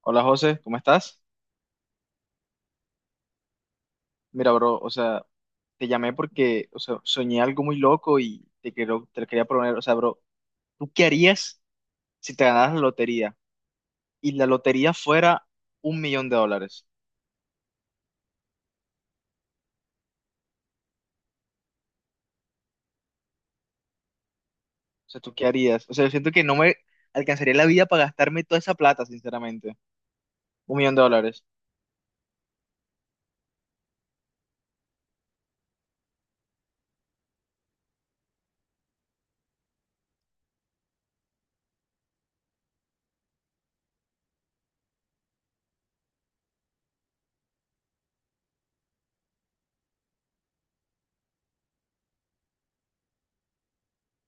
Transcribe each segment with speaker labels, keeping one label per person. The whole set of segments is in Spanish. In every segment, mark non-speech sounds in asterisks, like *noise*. Speaker 1: Hola José, ¿cómo estás? Mira, bro, o sea, te llamé porque, o sea, soñé algo muy loco y te lo quería proponer, o sea, bro, ¿tú qué harías si te ganaras la lotería y la lotería fuera un millón de dólares? O sea, ¿tú qué harías? O sea, yo siento que no me alcanzaría la vida para gastarme toda esa plata, sinceramente. Un millón de dólares.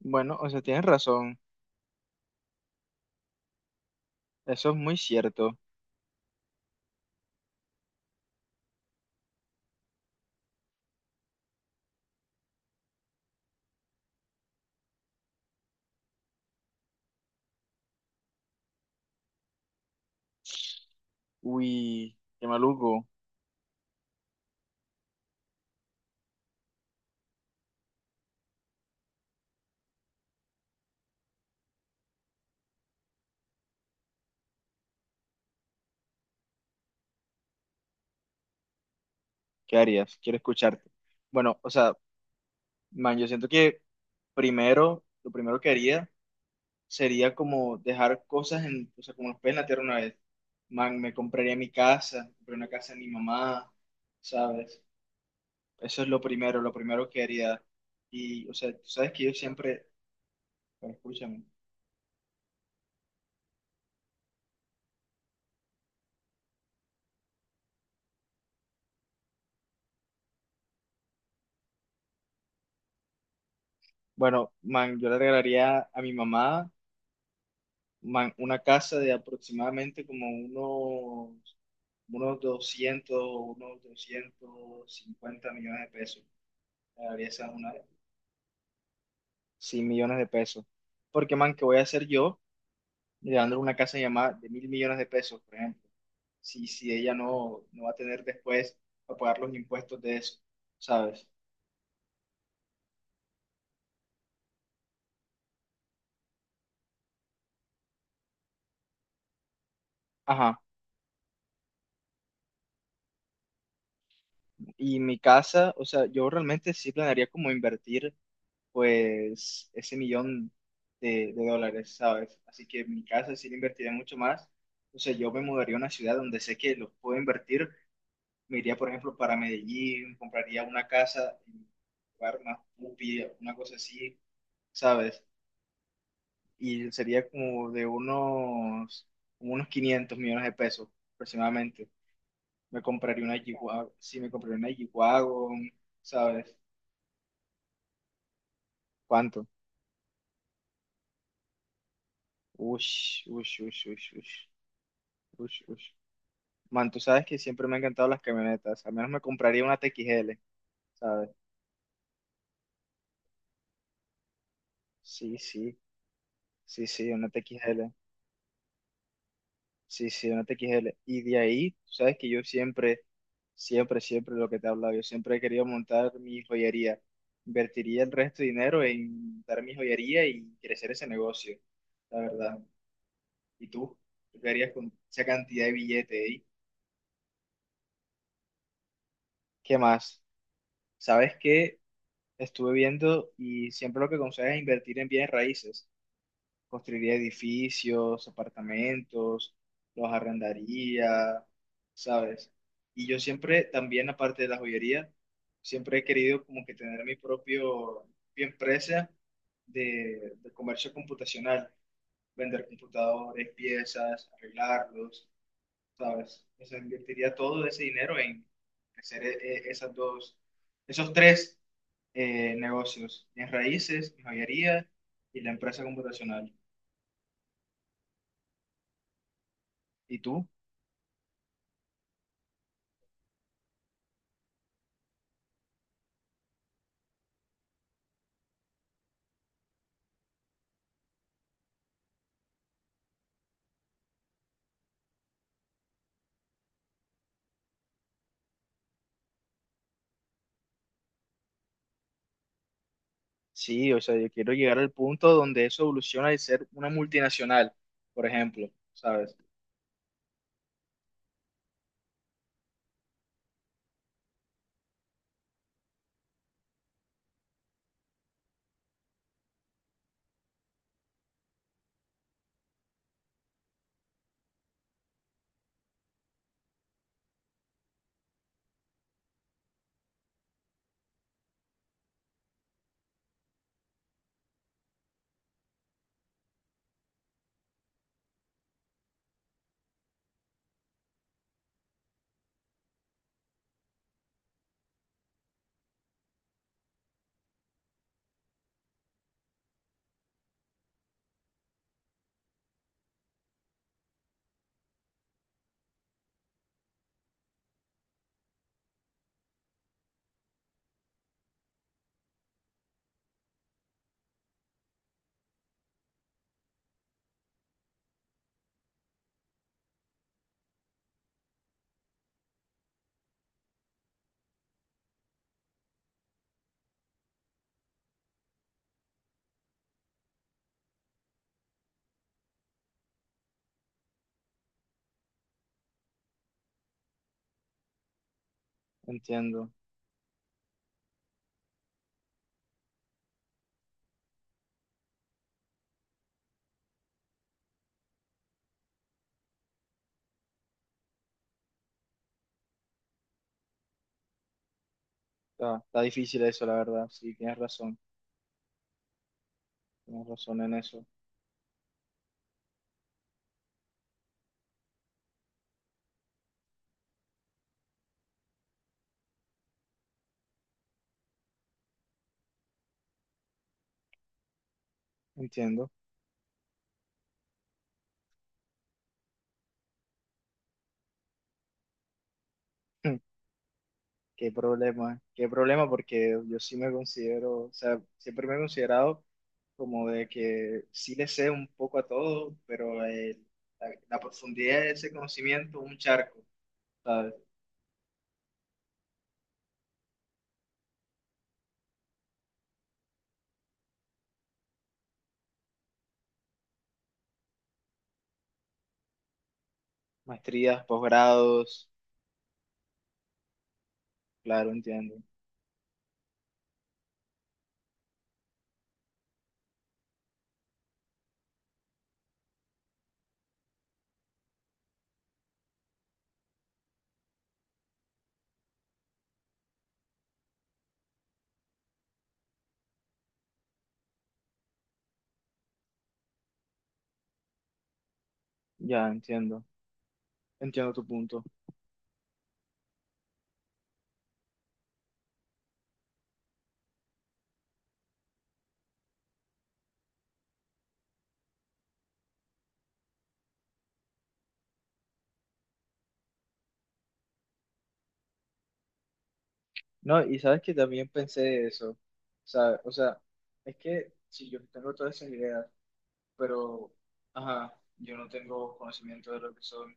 Speaker 1: Bueno, o sea, tienes razón, eso es muy cierto. Uy, qué maluco. ¿Qué harías? Quiero escucharte. Bueno, o sea, man, yo siento que primero, lo primero que haría sería como dejar cosas en, o sea, como los pies en la tierra una vez. Man, me compraría mi casa, compré una casa de mi mamá, ¿sabes? Eso es lo primero que haría. Y, o sea, tú sabes que yo siempre, bueno, escúchame. Bueno, man, yo le regalaría a mi mamá, man, una casa de aproximadamente como unos 200 unos 250 millones de pesos. Le regalaría esa una, 100 millones de pesos. Porque, man, ¿qué voy a hacer yo? Y dándole una casa llamada de mil millones de pesos, por ejemplo, si ella no va a tener después para pagar los impuestos de eso, ¿sabes? Ajá. Y mi casa, o sea, yo realmente sí planearía como invertir, pues, ese millón de dólares, ¿sabes? Así que mi casa sí la invertiría mucho más. O sea, yo me mudaría a una ciudad donde sé que los puedo invertir. Me iría, por ejemplo, para Medellín, compraría una casa en un lugar más pupi, una cosa así, ¿sabes? Y sería como de unos, como unos 500 millones de pesos aproximadamente. Me compraría una G-Wagon, sí, me compraría una G-Wagon, ¿sabes? ¿Cuánto? Ush, ush, ush, ush, ush, ush, ush. Man, tú sabes que siempre me han encantado las camionetas, al menos me compraría una TXL, ¿sabes? Sí, sí, sí, sí, una TXL. Sí, sí, una TXL. Y de ahí, tú sabes que yo siempre, siempre, siempre lo que te he hablado, yo siempre he querido montar mi joyería. Invertiría el resto de dinero en montar mi joyería y crecer ese negocio, la verdad. ¿Y tú? ¿Tú qué harías con esa cantidad de billete ahí? ¿Qué más? ¿Sabes qué? Estuve viendo y siempre lo que aconsejas es invertir en bienes raíces. Construiría edificios, apartamentos, los arrendaría, ¿sabes? Y yo siempre, también aparte de la joyería, siempre he querido como que tener mi propio, mi empresa de comercio computacional, vender computadores, piezas, arreglarlos, ¿sabes? O sea, invertiría todo ese dinero en hacer esos tres negocios, mis raíces, mi joyería y la empresa computacional. ¿Y tú? Sí, o sea, yo quiero llegar al punto donde eso evoluciona y ser una multinacional, por ejemplo, ¿sabes? Entiendo. Está, está difícil eso, la verdad. Sí, tienes razón. Tienes razón en eso. Entiendo. *laughs* Qué problema, porque yo sí me considero, o sea, siempre me he considerado como de que sí le sé un poco a todo, pero la profundidad de ese conocimiento, un charco, ¿sabes? Maestrías, posgrados, claro, entiendo. Ya, entiendo. Entiendo tu punto. No, y sabes que también pensé eso. O sea, es que si yo tengo todas esas ideas pero ajá, yo no tengo conocimiento de lo que son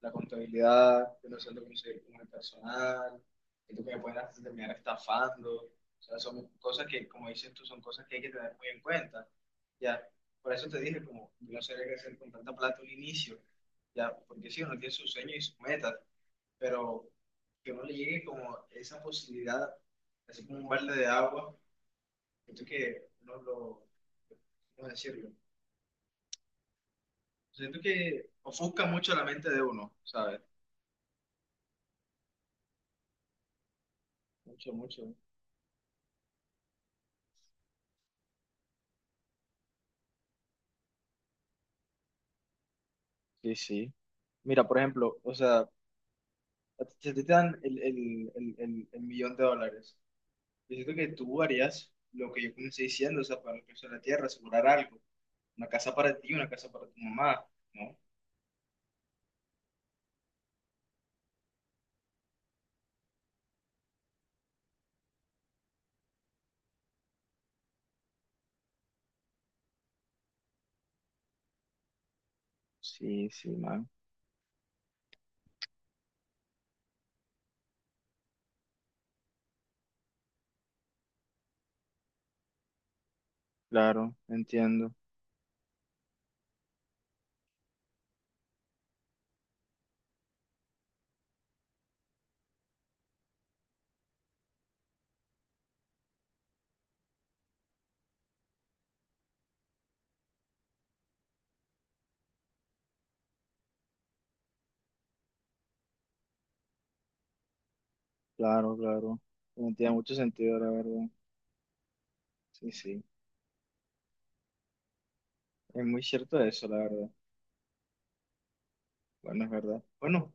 Speaker 1: la contabilidad, yo no sé lo que se con el personal, siento que me pueden hasta terminar estafando, o sea, son cosas que, como dices tú, son cosas que hay que tener muy en cuenta, ya, por eso te dije, como, yo no sabía qué hacer con tanta plata un inicio, ya, porque sí, uno tiene sus sueños y sus metas, pero que uno le llegue como esa posibilidad, así como un balde de agua, siento que no lo, ¿cómo decirlo? Siento que ofusca mucho la mente de uno, ¿sabes? Mucho, mucho. Sí, sí. Mira, por ejemplo, o sea, si a ti te dan el millón de dólares, yo siento que tú harías lo que yo comencé diciendo, o sea, para el precio de la tierra, asegurar algo, una casa para ti, una casa para tu mamá, ¿no? Sí, sí, man. Claro, entiendo, claro, claro. No tiene mucho sentido, la verdad. Sí, sí. Es muy cierto eso, la verdad. Bueno, es verdad. Bueno,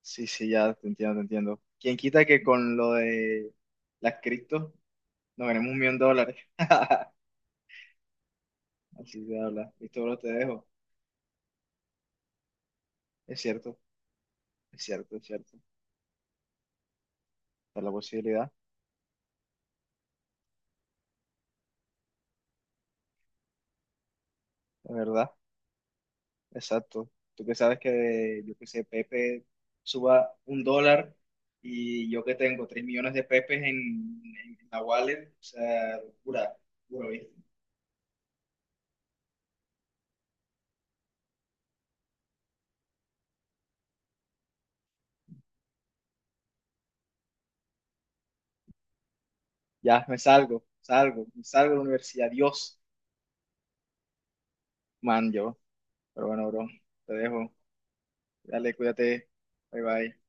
Speaker 1: sí, sí, ya te entiendo, te entiendo. ¿Quién quita que con lo de las cripto nos ganemos un millón de dólares? *laughs* Así se habla. Listo, bro, te dejo. Es cierto, es cierto, es cierto. Está la posibilidad, es verdad. Exacto. Tú que sabes que, yo que sé, Pepe suba un dólar y yo que tengo 3 millones de Pepes en, la wallet, o sea, locura, locura, ¿viste? Ya, me salgo de la universidad. Dios, man, yo. Pero bueno, bro, te dejo. Dale, cuídate. Bye bye.